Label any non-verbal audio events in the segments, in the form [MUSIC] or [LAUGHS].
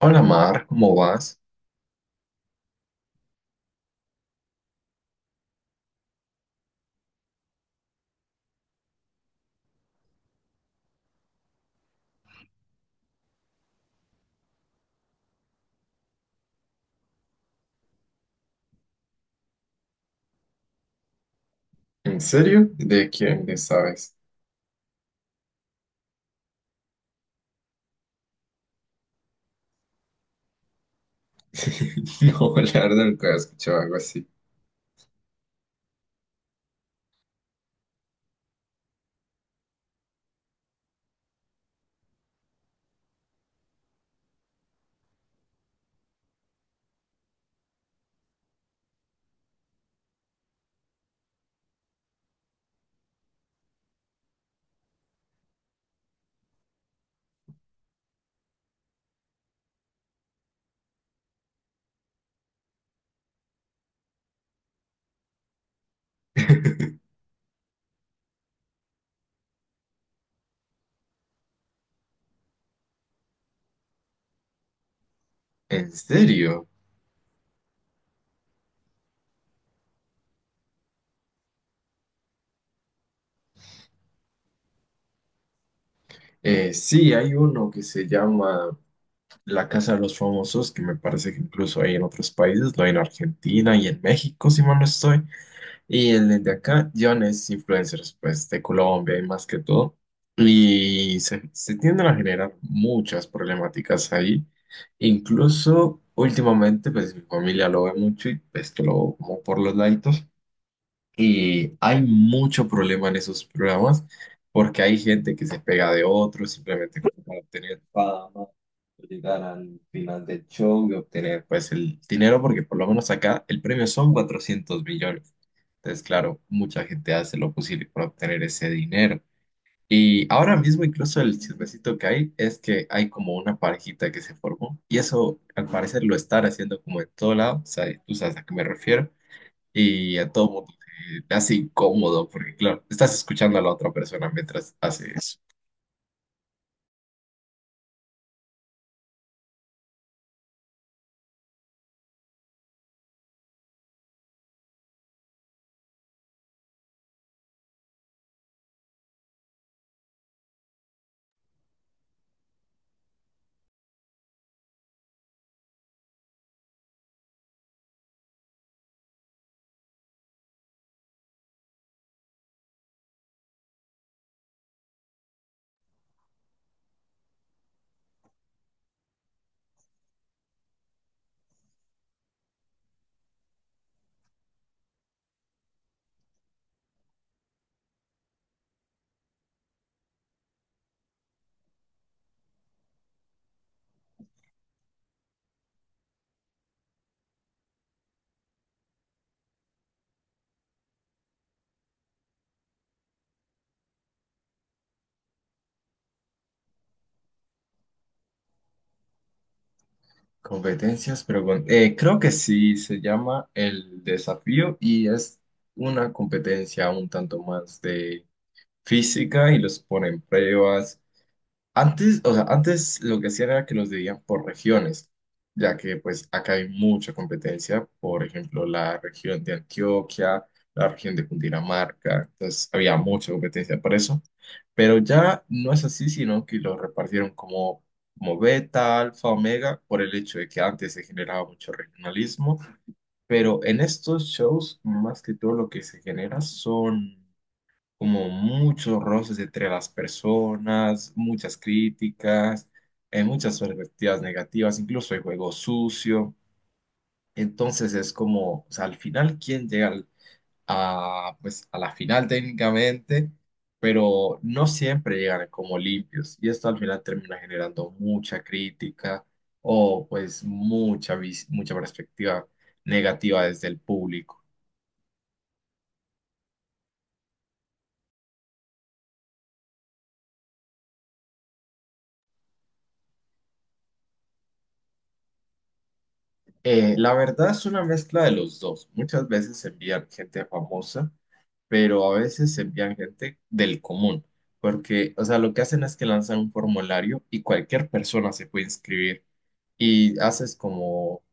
Hola Mar, ¿cómo vas? ¿En serio? ¿De quién? ¿De sabes? [LAUGHS] No, la verdad nunca había escuchado algo así. [LAUGHS] ¿En serio? Sí, hay uno que se llama La Casa de los Famosos, que me parece que incluso hay en otros países, lo hay en Argentina y en México, si mal no estoy. Y el de acá, John es influencers, pues, de Colombia y más que todo. Y se tienden a generar muchas problemáticas ahí. Incluso últimamente, pues, mi familia lo ve mucho y pues que lo veo como por los laditos. Y hay mucho problema en esos programas porque hay gente que se pega de otros simplemente como para obtener fama, llegar al final del show y obtener pues el dinero porque por lo menos acá el premio son 400 millones. Entonces, claro, mucha gente hace lo posible para obtener ese dinero. Y ahora mismo incluso el chismecito que hay es que hay como una parejita que se formó y eso al parecer lo están haciendo como en todo lado, o sea, tú sabes a qué me refiero y a todo mundo te hace incómodo porque, claro, estás escuchando a la otra persona mientras haces competencias, pero bueno, creo que sí, se llama El Desafío y es una competencia un tanto más de física y los ponen pruebas. Antes, o sea, antes lo que hacían era que los dividían por regiones, ya que pues acá hay mucha competencia, por ejemplo, la región de Antioquia, la región de Cundinamarca, entonces había mucha competencia para eso, pero ya no es así, sino que lo repartieron como, como beta, alfa, omega, por el hecho de que antes se generaba mucho regionalismo, pero en estos shows más que todo lo que se genera son como muchos roces entre las personas, muchas críticas, muchas perspectivas negativas, incluso hay juego sucio. Entonces es como, o sea, al final, a, pues, ¿a la final técnicamente? Pero no siempre llegan como limpios y esto al final termina generando mucha crítica o pues mucha perspectiva negativa desde el público. La verdad es una mezcla de los dos. Muchas veces envían gente famosa, pero a veces envían gente del común, porque, o sea, lo que hacen es que lanzan un formulario y cualquier persona se puede inscribir y haces como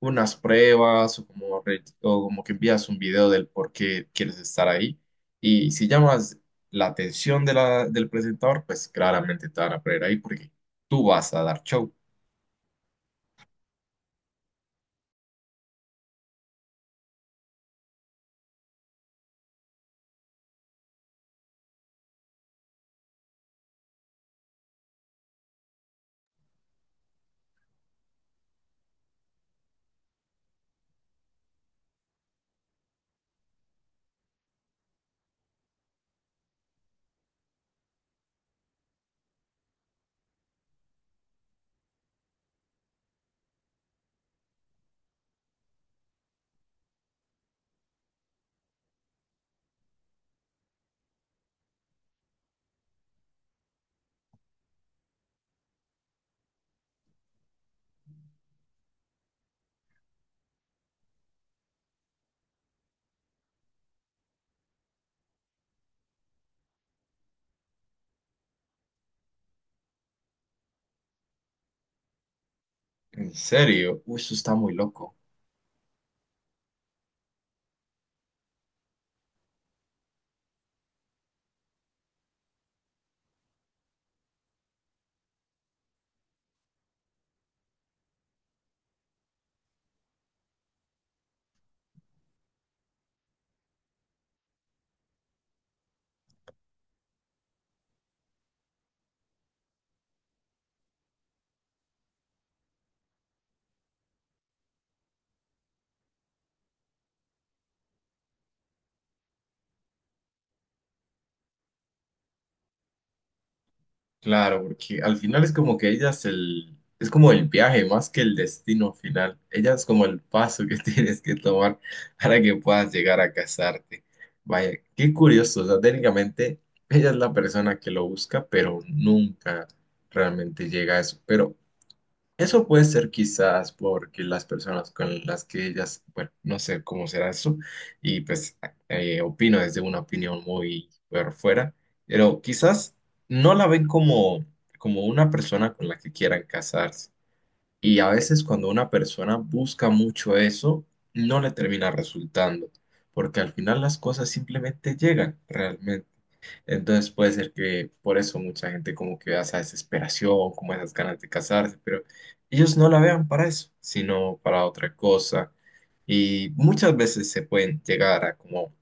unas pruebas o o como que envías un video del por qué quieres estar ahí y si llamas la atención de del presentador, pues claramente te van a poner ahí porque tú vas a dar show. ¿En serio? Uy, eso está muy loco. Claro, porque al final es como que es como el viaje más que el destino final. Ella es como el paso que [LAUGHS] tienes que tomar para que puedas llegar a casarte. Vaya, qué curioso. O sea, técnicamente ella es la persona que lo busca, pero nunca realmente llega a eso. Pero eso puede ser quizás porque las personas con las que ellas, bueno, no sé cómo será eso, y pues opino desde una opinión muy por fuera, pero quizás no la ven como, como una persona con la que quieran casarse. Y a veces cuando una persona busca mucho eso, no le termina resultando, porque al final las cosas simplemente llegan realmente. Entonces puede ser que por eso mucha gente como que vea esa desesperación, como esas ganas de casarse, pero ellos no la vean para eso, sino para otra cosa. Y muchas veces se pueden llegar a como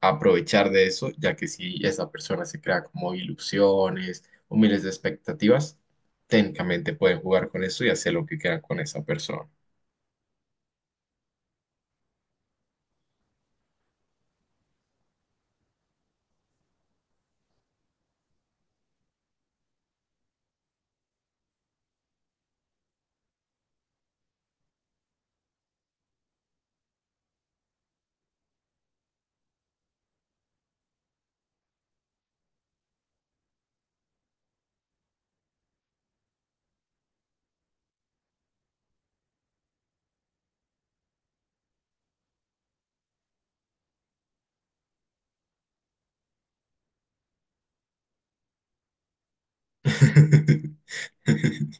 aprovechar de eso, ya que si esa persona se crea como ilusiones o miles de expectativas, técnicamente pueden jugar con eso y hacer lo que quieran con esa persona. [LAUGHS]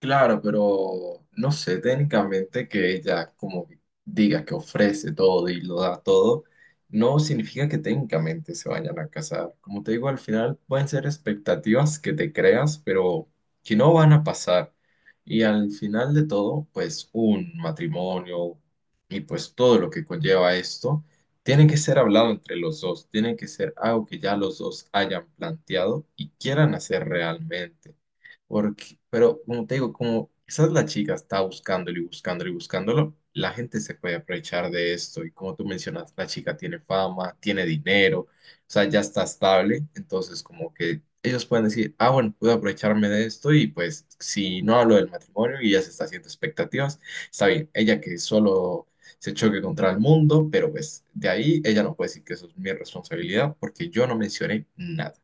Claro, pero no sé, técnicamente que ella como que diga que ofrece todo y lo da todo, no significa que técnicamente se vayan a casar. Como te digo, al final pueden ser expectativas que te creas, pero que no van a pasar. Y al final de todo, pues un matrimonio y pues todo lo que conlleva esto, tiene que ser hablado entre los dos, tiene que ser algo que ya los dos hayan planteado y quieran hacer realmente. Porque, pero como te digo, como quizás la chica está buscándolo y buscándolo y buscándolo, la gente se puede aprovechar de esto. Y como tú mencionas, la chica tiene fama, tiene dinero, o sea, ya está estable. Entonces, como que ellos pueden decir, ah, bueno, puedo aprovecharme de esto y pues si no hablo del matrimonio y ya se está haciendo expectativas, está bien. Ella que solo se choque contra el mundo, pero pues de ahí ella no puede decir que eso es mi responsabilidad porque yo no mencioné nada.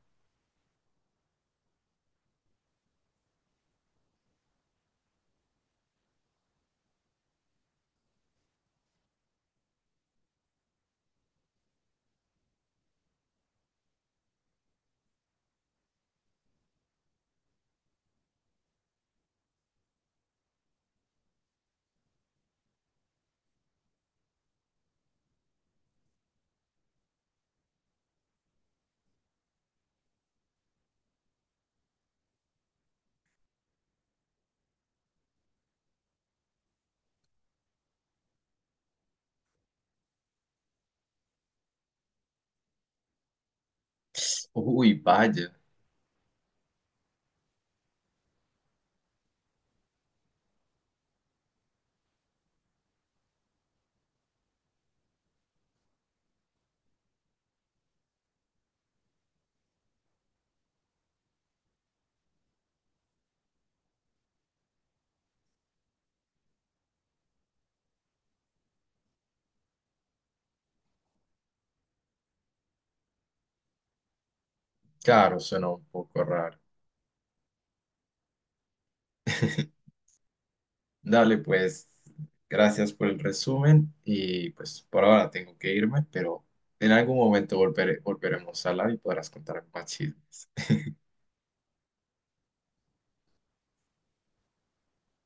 Uy, vaya. Claro, suena un poco raro. [LAUGHS] Dale, pues gracias por el resumen y pues por ahora tengo que irme, pero en algún momento volveremos a hablar y podrás contar más chismes.